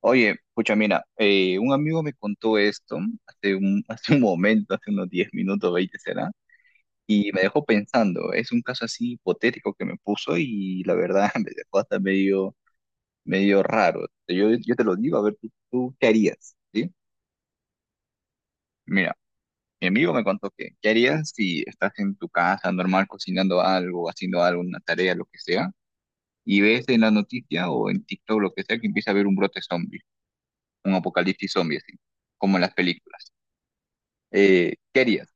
Oye, pucha, mira, un amigo me contó esto hace un, hace un momento, hace unos 10 minutos, 20 será, y me dejó pensando. Es un caso así hipotético que me puso y la verdad me dejó hasta medio, medio raro. Yo te lo digo, a ver, ¿tú qué harías? ¿Sí? Mira, mi amigo me contó que, ¿qué harías si estás en tu casa normal cocinando algo, haciendo algo, una tarea, lo que sea, y ves en la noticia o en TikTok, lo que sea, que empieza a haber un brote zombie, un apocalipsis zombie, así, como en las películas? ¿ ¿Qué harías?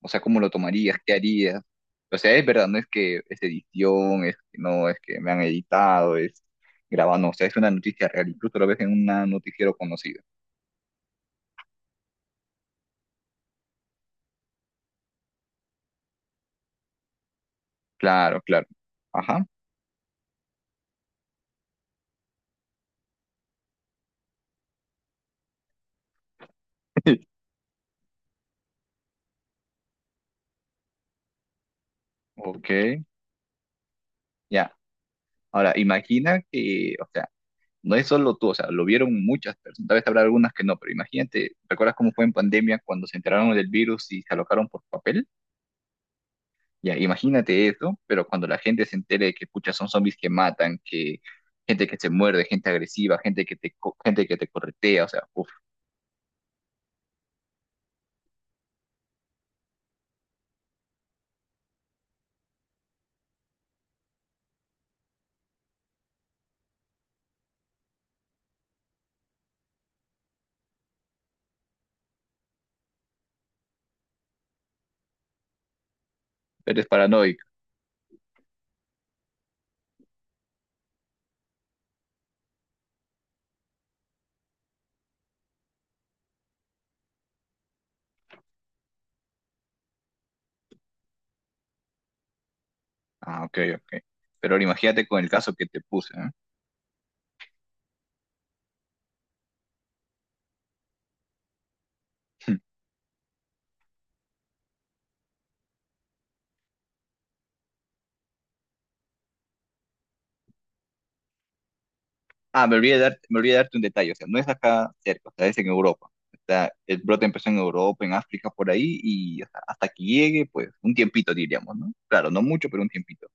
O sea, ¿cómo lo tomarías? ¿Qué harías? O sea, es verdad, no es que es edición, es que no, es que me han editado, es grabando, o sea, es una noticia real, incluso lo ves en un noticiero conocido. Claro, claro. Ajá. Ok, ya. Ahora, imagina que, o sea, no es solo tú, o sea, lo vieron muchas personas, tal vez habrá algunas que no, pero imagínate, ¿recuerdas cómo fue en pandemia cuando se enteraron del virus y se alocaron por papel? Ya, imagínate eso, pero cuando la gente se entere de que, pucha, son zombies que matan, que gente que se muerde, gente agresiva, gente que te, gente que te corretea, o sea, uff, eres paranoico. Ah, ok, ok. Pero ahora imagínate con el caso que te puse, ¿eh? Ah, me olvidé de darte, me olvidé de darte un detalle, o sea, no es acá cerca, o sea, es en Europa. Está, el brote empezó en Europa, en África, por ahí, y o sea, hasta que llegue, pues, un tiempito diríamos, ¿no? Claro, no mucho, pero un tiempito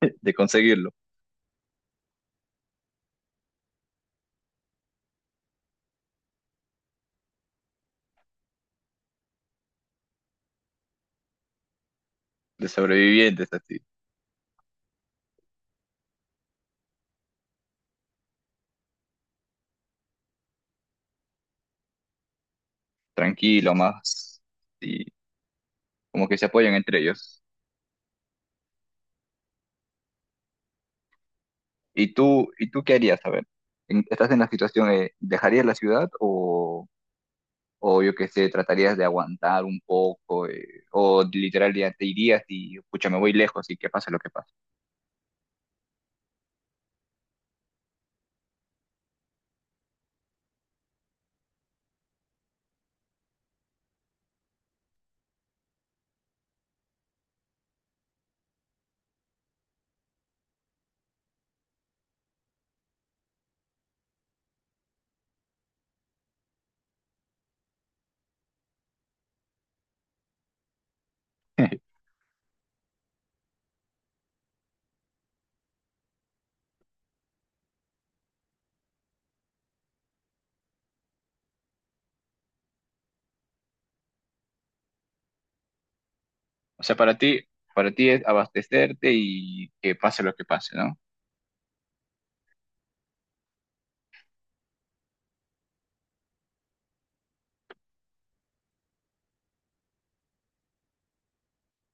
de conseguirlo, de sobrevivientes, así, tranquilo, más. Sí, como que se apoyan entre ellos. Y tú qué harías? A ver, estás en la situación, ¿dejarías la ciudad o yo qué sé, tratarías de aguantar un poco? ¿ ¿O literal ya te irías y, pucha, me voy lejos y que pase lo que pase? O sea, para ti es abastecerte y que pase lo que pase, ¿no?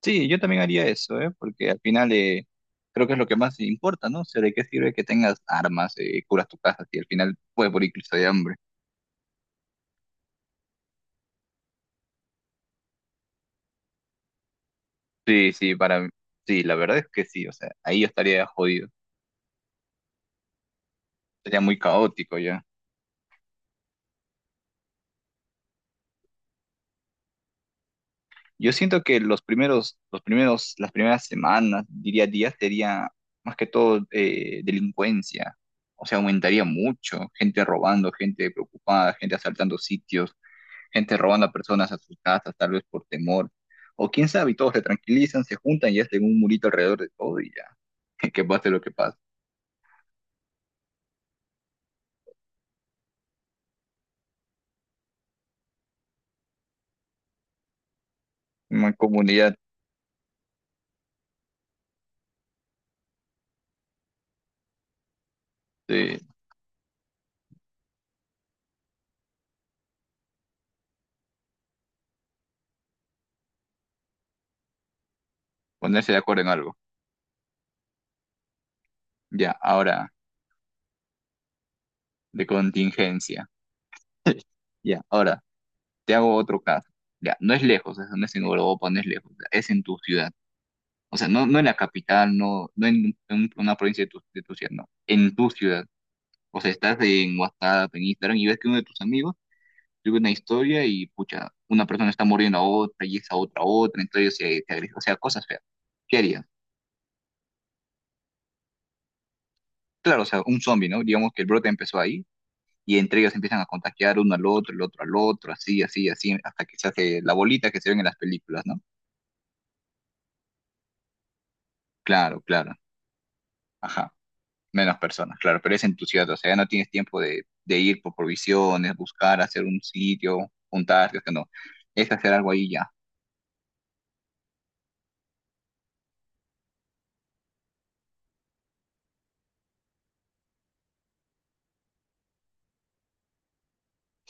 Sí, yo también haría eso, ¿eh? Porque al final creo que es lo que más importa, ¿no? O sea, ¿de qué sirve que tengas armas, curas tu casa si al final puedes morir incluso de hambre? Sí, sí, sí, la verdad es que sí, o sea, ahí yo estaría jodido, sería muy caótico ya. Yo siento que los primeros, las primeras semanas, diría días, sería más que todo delincuencia, o sea, aumentaría mucho, gente robando, gente preocupada, gente asaltando sitios, gente robando a personas a sus casas, tal vez por temor, o quién sabe, y todos se tranquilizan, se juntan y hacen un murito alrededor de todo y ya, que pase lo que pase. Una comunidad de ponerse de acuerdo en algo. Ya, ahora. De contingencia. Ya, ahora, te hago otro caso. Ya, no es lejos, eso no es en Europa, no es lejos, es en tu ciudad. O sea, no, no en la capital, no, no en, una provincia de tu ciudad, no, en tu ciudad. O sea, estás en WhatsApp, en Instagram y ves que uno de tus amigos sube una historia y, pucha, una persona está muriendo a otra y esa otra a otra, entonces se agrede. O sea, cosas feas. ¿Qué harías? Claro, o sea, un zombie, ¿no? Digamos que el brote empezó ahí y entre ellos empiezan a contagiar uno al otro, el otro al otro, así, así, así, hasta que se hace la bolita que se ven en las películas, ¿no? Claro, claro, ajá, menos personas, claro, pero es en tu ciudad, o sea, ya no tienes tiempo de ir por provisiones, buscar, hacer un sitio, juntarte, o sea, no, es hacer algo ahí ya.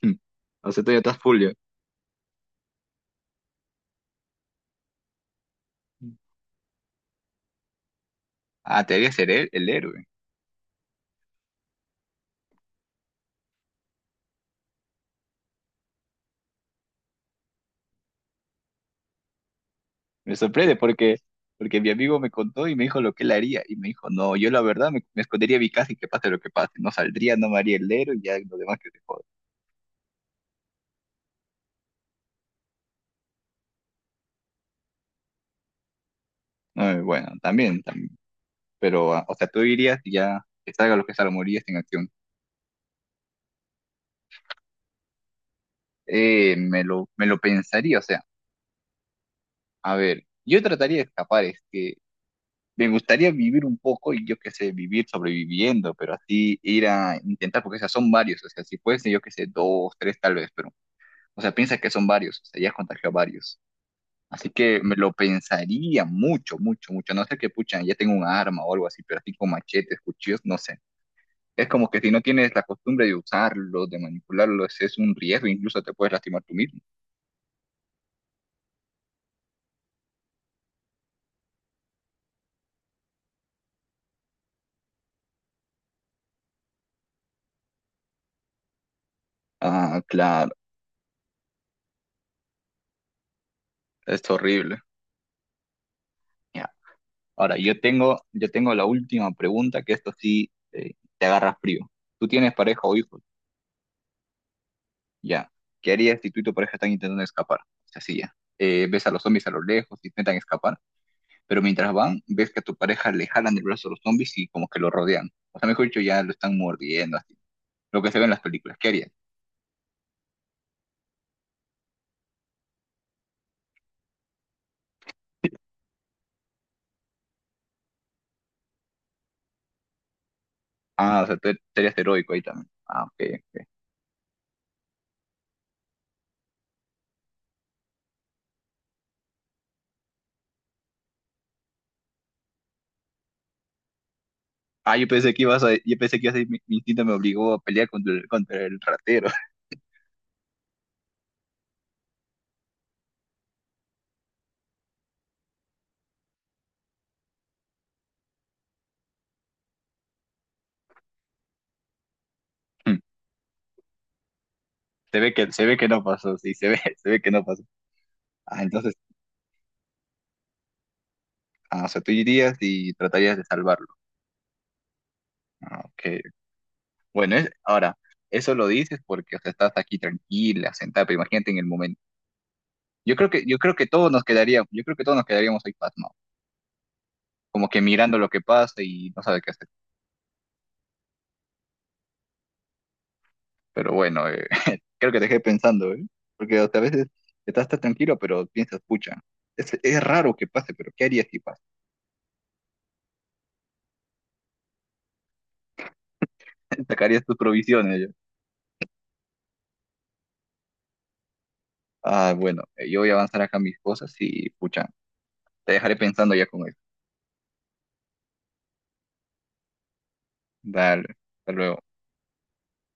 Mm. O sea, tú ya estás full. Ya. Ah, te debería ser el héroe. Me sorprende porque, porque mi amigo me contó y me dijo lo que él haría. Y me dijo, no, yo la verdad me, me escondería a mi casa y que pase lo que pase. No saldría, no me haría el héroe y ya lo demás que se joda. Bueno, también, también. Pero, ah, o sea, tú dirías que ya que salga lo que salga, morirías en acción. Me lo pensaría, o sea, a ver, yo trataría de escapar, es que me gustaría vivir un poco y yo qué sé, vivir sobreviviendo, pero así ir a intentar, porque o sea, son varios, o sea, si fuese yo qué sé, dos, tres tal vez, pero, o sea, piensa que son varios, o sea, ya has contagiado a varios. Así que me lo pensaría mucho, mucho, mucho. No sé qué pucha, ya tengo un arma o algo así, pero así con machetes, cuchillos, no sé. Es como que si no tienes la costumbre de usarlo, de manipularlo, ese es un riesgo, incluso te puedes lastimar tú mismo. Ah, claro, es horrible. Ya. Ahora, yo tengo la última pregunta, que esto sí te agarra frío. Tú tienes pareja o hijos, ya. ¿Qué harías si tú y tu pareja están intentando escapar? O sea, sí, ya. Ves a los zombies a lo lejos, intentan escapar, pero mientras van, ves que a tu pareja le jalan el brazo a los zombies y como que lo rodean. O sea, mejor dicho, ya lo están mordiendo, así. Lo que se ve en las películas. ¿Qué harías? Ah, o sea, tú tú eres heroico ahí también. Ah, ok, ok. Ah, yo pensé que ibas a, yo pensé que ibas a decir, mi instinto me obligó a pelear contra el ratero. Se ve que no pasó, sí, se ve, se ve que no pasó. Ah, entonces, ah, o sea, tú irías y tratarías de salvarlo. Ah, ok. Bueno, es, ahora, eso lo dices porque, o sea, estás aquí tranquila, sentada, pero imagínate en el momento. Yo creo que todos nos quedaríamos, yo creo que todos nos quedaríamos ahí pasmados, como que mirando lo que pasa y no sabe qué hacer. Pero bueno, creo que te dejé pensando, ¿eh? Porque o sea, a veces estás tan tranquilo, pero piensas, pucha, es raro que pase, pero ¿qué harías si pasa? Sacarías tus provisiones. Yo. Ah, bueno, yo voy a avanzar acá mis cosas y, pucha, te dejaré pensando ya con eso. Dale, hasta luego.